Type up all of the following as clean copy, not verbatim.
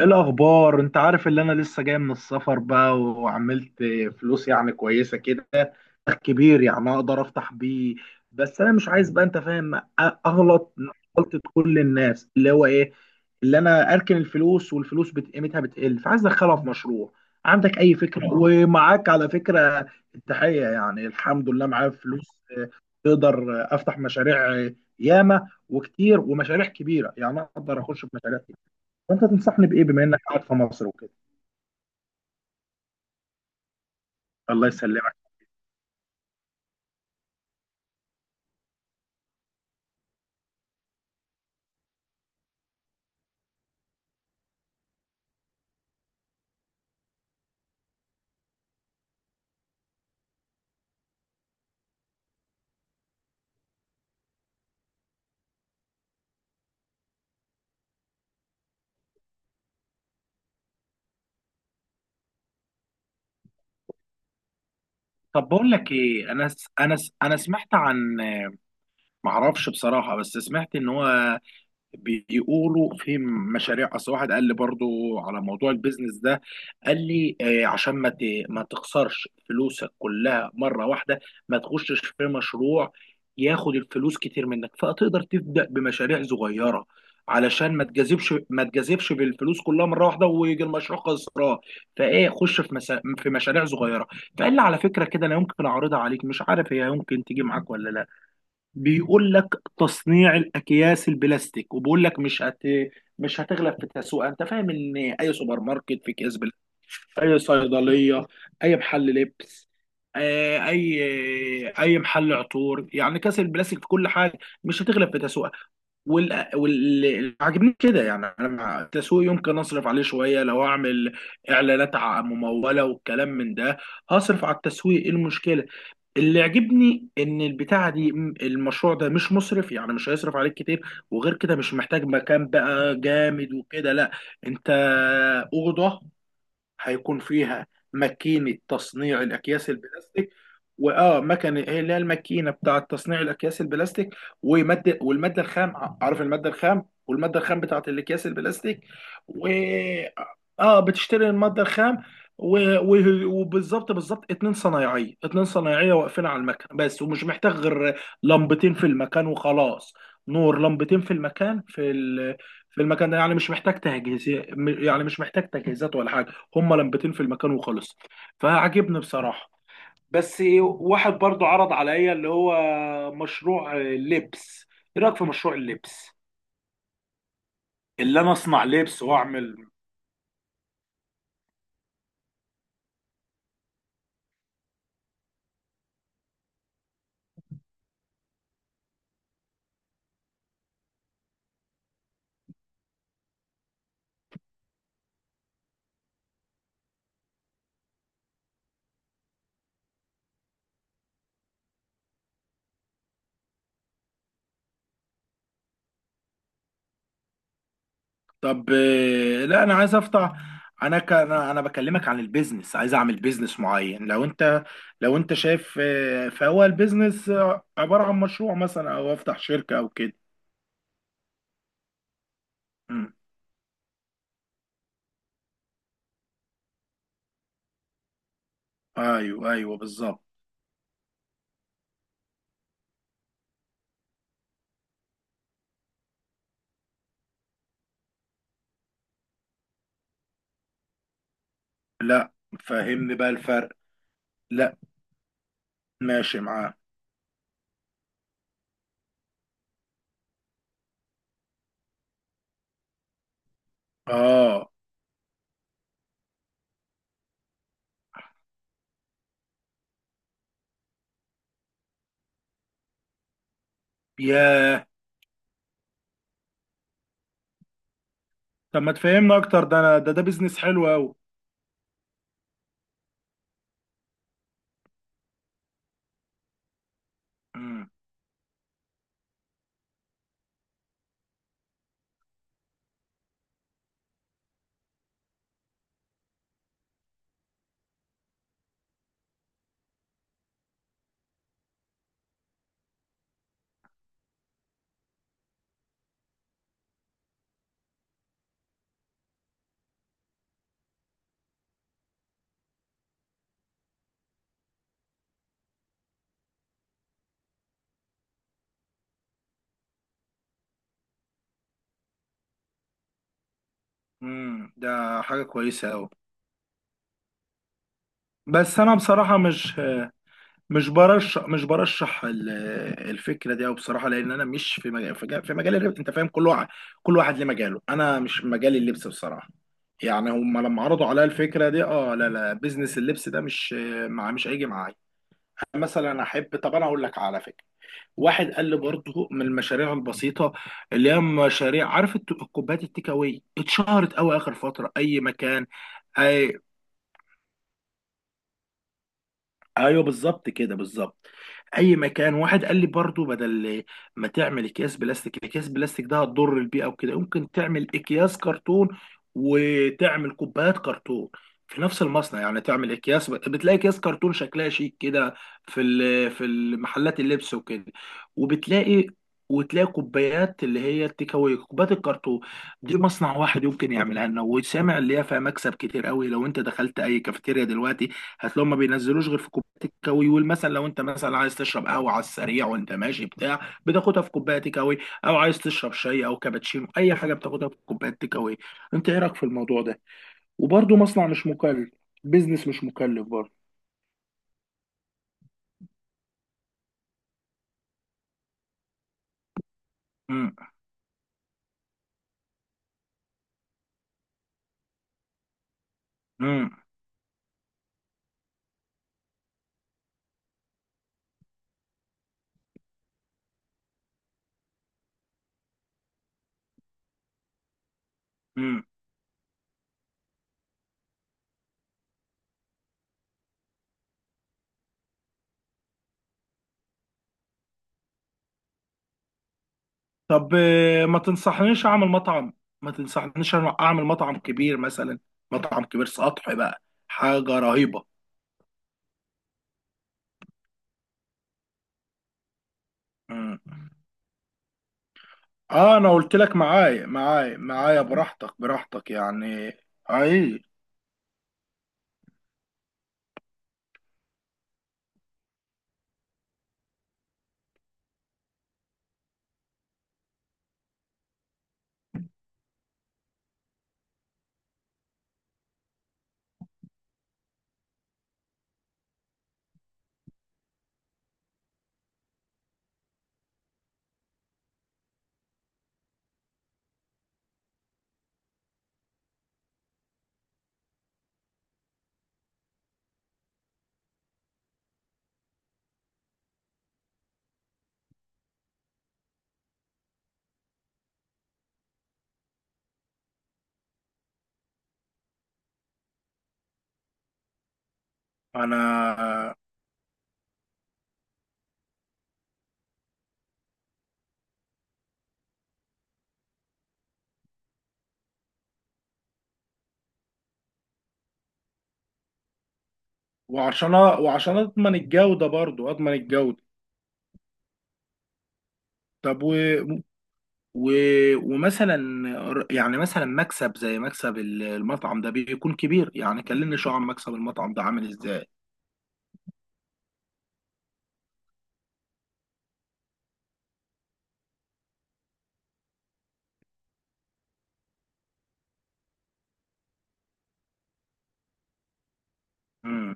إيه الاخبار؟ انت عارف اللي انا لسه جاي من السفر بقى وعملت فلوس يعني كويسه كده، كبير يعني اقدر افتح بيه. بس انا مش عايز بقى، انت فاهم، اغلط غلطه كل الناس، اللي هو ايه، اللي انا اركن الفلوس والفلوس قيمتها بتقل، فعايز ادخلها في مشروع. عندك اي فكره؟ ومعاك على فكره التحيه، يعني الحمد لله معايا فلوس. آه، تقدر افتح مشاريع، ياما وكتير ومشاريع كبيره، يعني اقدر اخش في مشاريع. فانت تنصحني بايه بما انك قاعد في مصر وكده؟ الله يسلمك. طب بقول لك ايه، انا سمعت عن، معرفش بصراحه، بس سمعت ان هو بيقولوا في مشاريع. اصل واحد قال لي برضو على موضوع البيزنس ده، قال لي عشان ما تخسرش فلوسك كلها مره واحده، ما تخشش في مشروع ياخد الفلوس كتير منك، فتقدر تبدا بمشاريع صغيره، علشان ما تجذبش، بالفلوس كلها مره واحده ويجي المشروع خسران. فايه، خش في مشاريع صغيره. فقال لي على فكره كده، انا يمكن اعرضها عليك، مش عارف هي يمكن تيجي معاك ولا لا. بيقول لك تصنيع الاكياس البلاستيك، وبيقول لك مش هتغلب في التسوق. انت فاهم ان اي سوبر ماركت في اكياس بلاستيك، اي صيدليه، اي محل لبس، آه، اي اي محل عطور، يعني كاس البلاستيك في كل حاجه، مش هتغلب في تسوقها. وال عاجبني كده، يعني انا مع التسويق يمكن اصرف عليه شويه، لو اعمل اعلانات مموله والكلام من ده، هصرف على التسويق، ايه المشكله؟ اللي عجبني ان البتاعه دي، المشروع ده مش مصرف، يعني مش هيصرف عليك كتير. وغير كده مش محتاج مكان بقى جامد وكده، لا. انت اوضه هيكون فيها ماكينة تصنيع الأكياس البلاستيك، وآه مكنة هي اللي هي الماكينة بتاعة تصنيع الأكياس البلاستيك. ومادة، والمادة الخام، عارف المادة الخام، والمادة الخام بتاعة الأكياس البلاستيك. و آه بتشتري المادة الخام و... و... وبالظبط بالظبط اتنين صنايعية، واقفين على المكن بس، ومش محتاج غير لمبتين في المكان وخلاص. نور لمبتين في المكان في المكان ده، يعني مش محتاج تجهيز، يعني مش محتاج تجهيزات ولا حاجة. هما لمبتين في المكان وخلص. فعجبني بصراحة. بس واحد برضو عرض عليا اللي هو مشروع لبس، ايه رأيك في مشروع اللبس؟ اللي انا اصنع لبس واعمل. طب لا انا عايز افتح، انا ك... انا أنا بكلمك عن البيزنس، عايز اعمل بيزنس معين. لو انت، لو انت شايف، فهو البيزنس عبارة عن مشروع مثلا، او افتح شركة او كده. مم. ايوه ايوه بالظبط. لا، فهمني بقى الفرق. لا، ماشي معاه. اه. ياه. طب ما تفهمنا اكتر، ده انا ده ده بيزنس حلو قوي. امم. امم، ده حاجه كويسه قوي، بس انا بصراحه مش، مش برشح، الفكره دي قوي بصراحه، لان انا مش في مجال، في مجال الربح. انت فاهم، كل واحد، ليه مجاله، انا مش في مجال اللبس بصراحه. يعني هم لما عرضوا عليا الفكره دي، اه لا لا، بيزنس اللبس ده مش، مش هيجي معايا مثلا. احب، طب انا اقول لك على فكره، واحد قال لي برضه من المشاريع البسيطه، اللي هي مشاريع، عارف الكوبايات التيك اواي اتشهرت قوي اخر فتره، اي مكان. أي، ايوه بالظبط كده، بالظبط. اي مكان. واحد قال لي برضو، بدل ما تعمل اكياس بلاستيك، الاكياس بلاستيك ده هتضر البيئه وكده، ممكن تعمل اكياس كرتون وتعمل كوبايات كرتون في نفس المصنع. يعني تعمل اكياس، بتلاقي اكياس كرتون شكلها شيك كده في المحلات اللبس وكده، وبتلاقي، وتلاقي كوبايات اللي هي التيك اواي، كوبايات الكرتون دي، مصنع واحد يمكن يعملها لنا. وسامع اللي هي فيها مكسب كتير قوي. لو انت دخلت اي كافيتيريا دلوقتي، هتلاقيهم ما بينزلوش غير في كوبايه تيكاوي. والمثل، لو انت مثلا عايز تشرب قهوه على السريع وانت ماشي، بتاع، بتاخدها في كوبايه تيكاوي. او عايز تشرب شاي او كابتشينو، اي حاجه بتاخدها في كوبايه تيكاوي. انت ايه رايك في الموضوع ده؟ وبرده مصنع مش مكلف، بيزنس مش مكلف برضه. امم. امم. امم. طب ما تنصحنيش اعمل مطعم، ما تنصحنيش أنا اعمل مطعم كبير مثلا، مطعم كبير سطح بقى، حاجه رهيبه. امم. اه انا قلت لك معايا، براحتك، يعني. اي. انا، وعشان، اضمن الجودة برضو، اضمن الجودة. طب و... ومثلا، يعني مثلا مكسب زي مكسب المطعم ده بيكون كبير؟ يعني كلمني شو عن مكسب المطعم ده عامل ازاي. امم.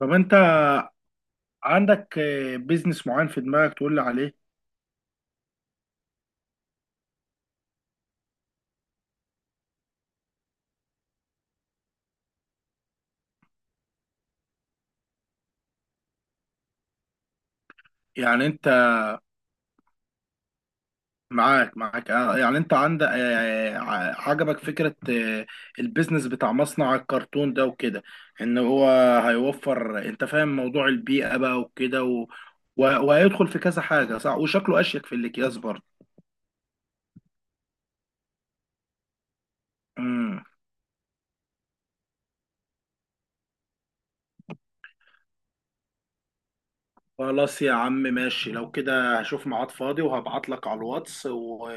طب انت عندك بيزنس معين في دماغك تقول لي عليه؟ يعني انت معاك، يعني انت عندك، عجبك فكرة، البيزنس بتاع مصنع الكرتون ده وكده، ان هو هيوفر، انت فاهم، موضوع البيئة بقى وكده وهيدخل في كذا حاجة صح، وشكله اشيك في الاكياس برضه. امم. خلاص يا عم ماشي، لو كده هشوف ميعاد فاضي وهبعت لك على الواتس،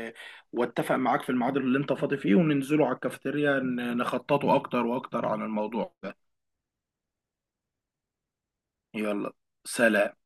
واتفق معاك في الميعاد اللي انت فاضي فيه، وننزله على الكافيتيريا نخططه اكتر واكتر عن الموضوع ده. يلا، سلام.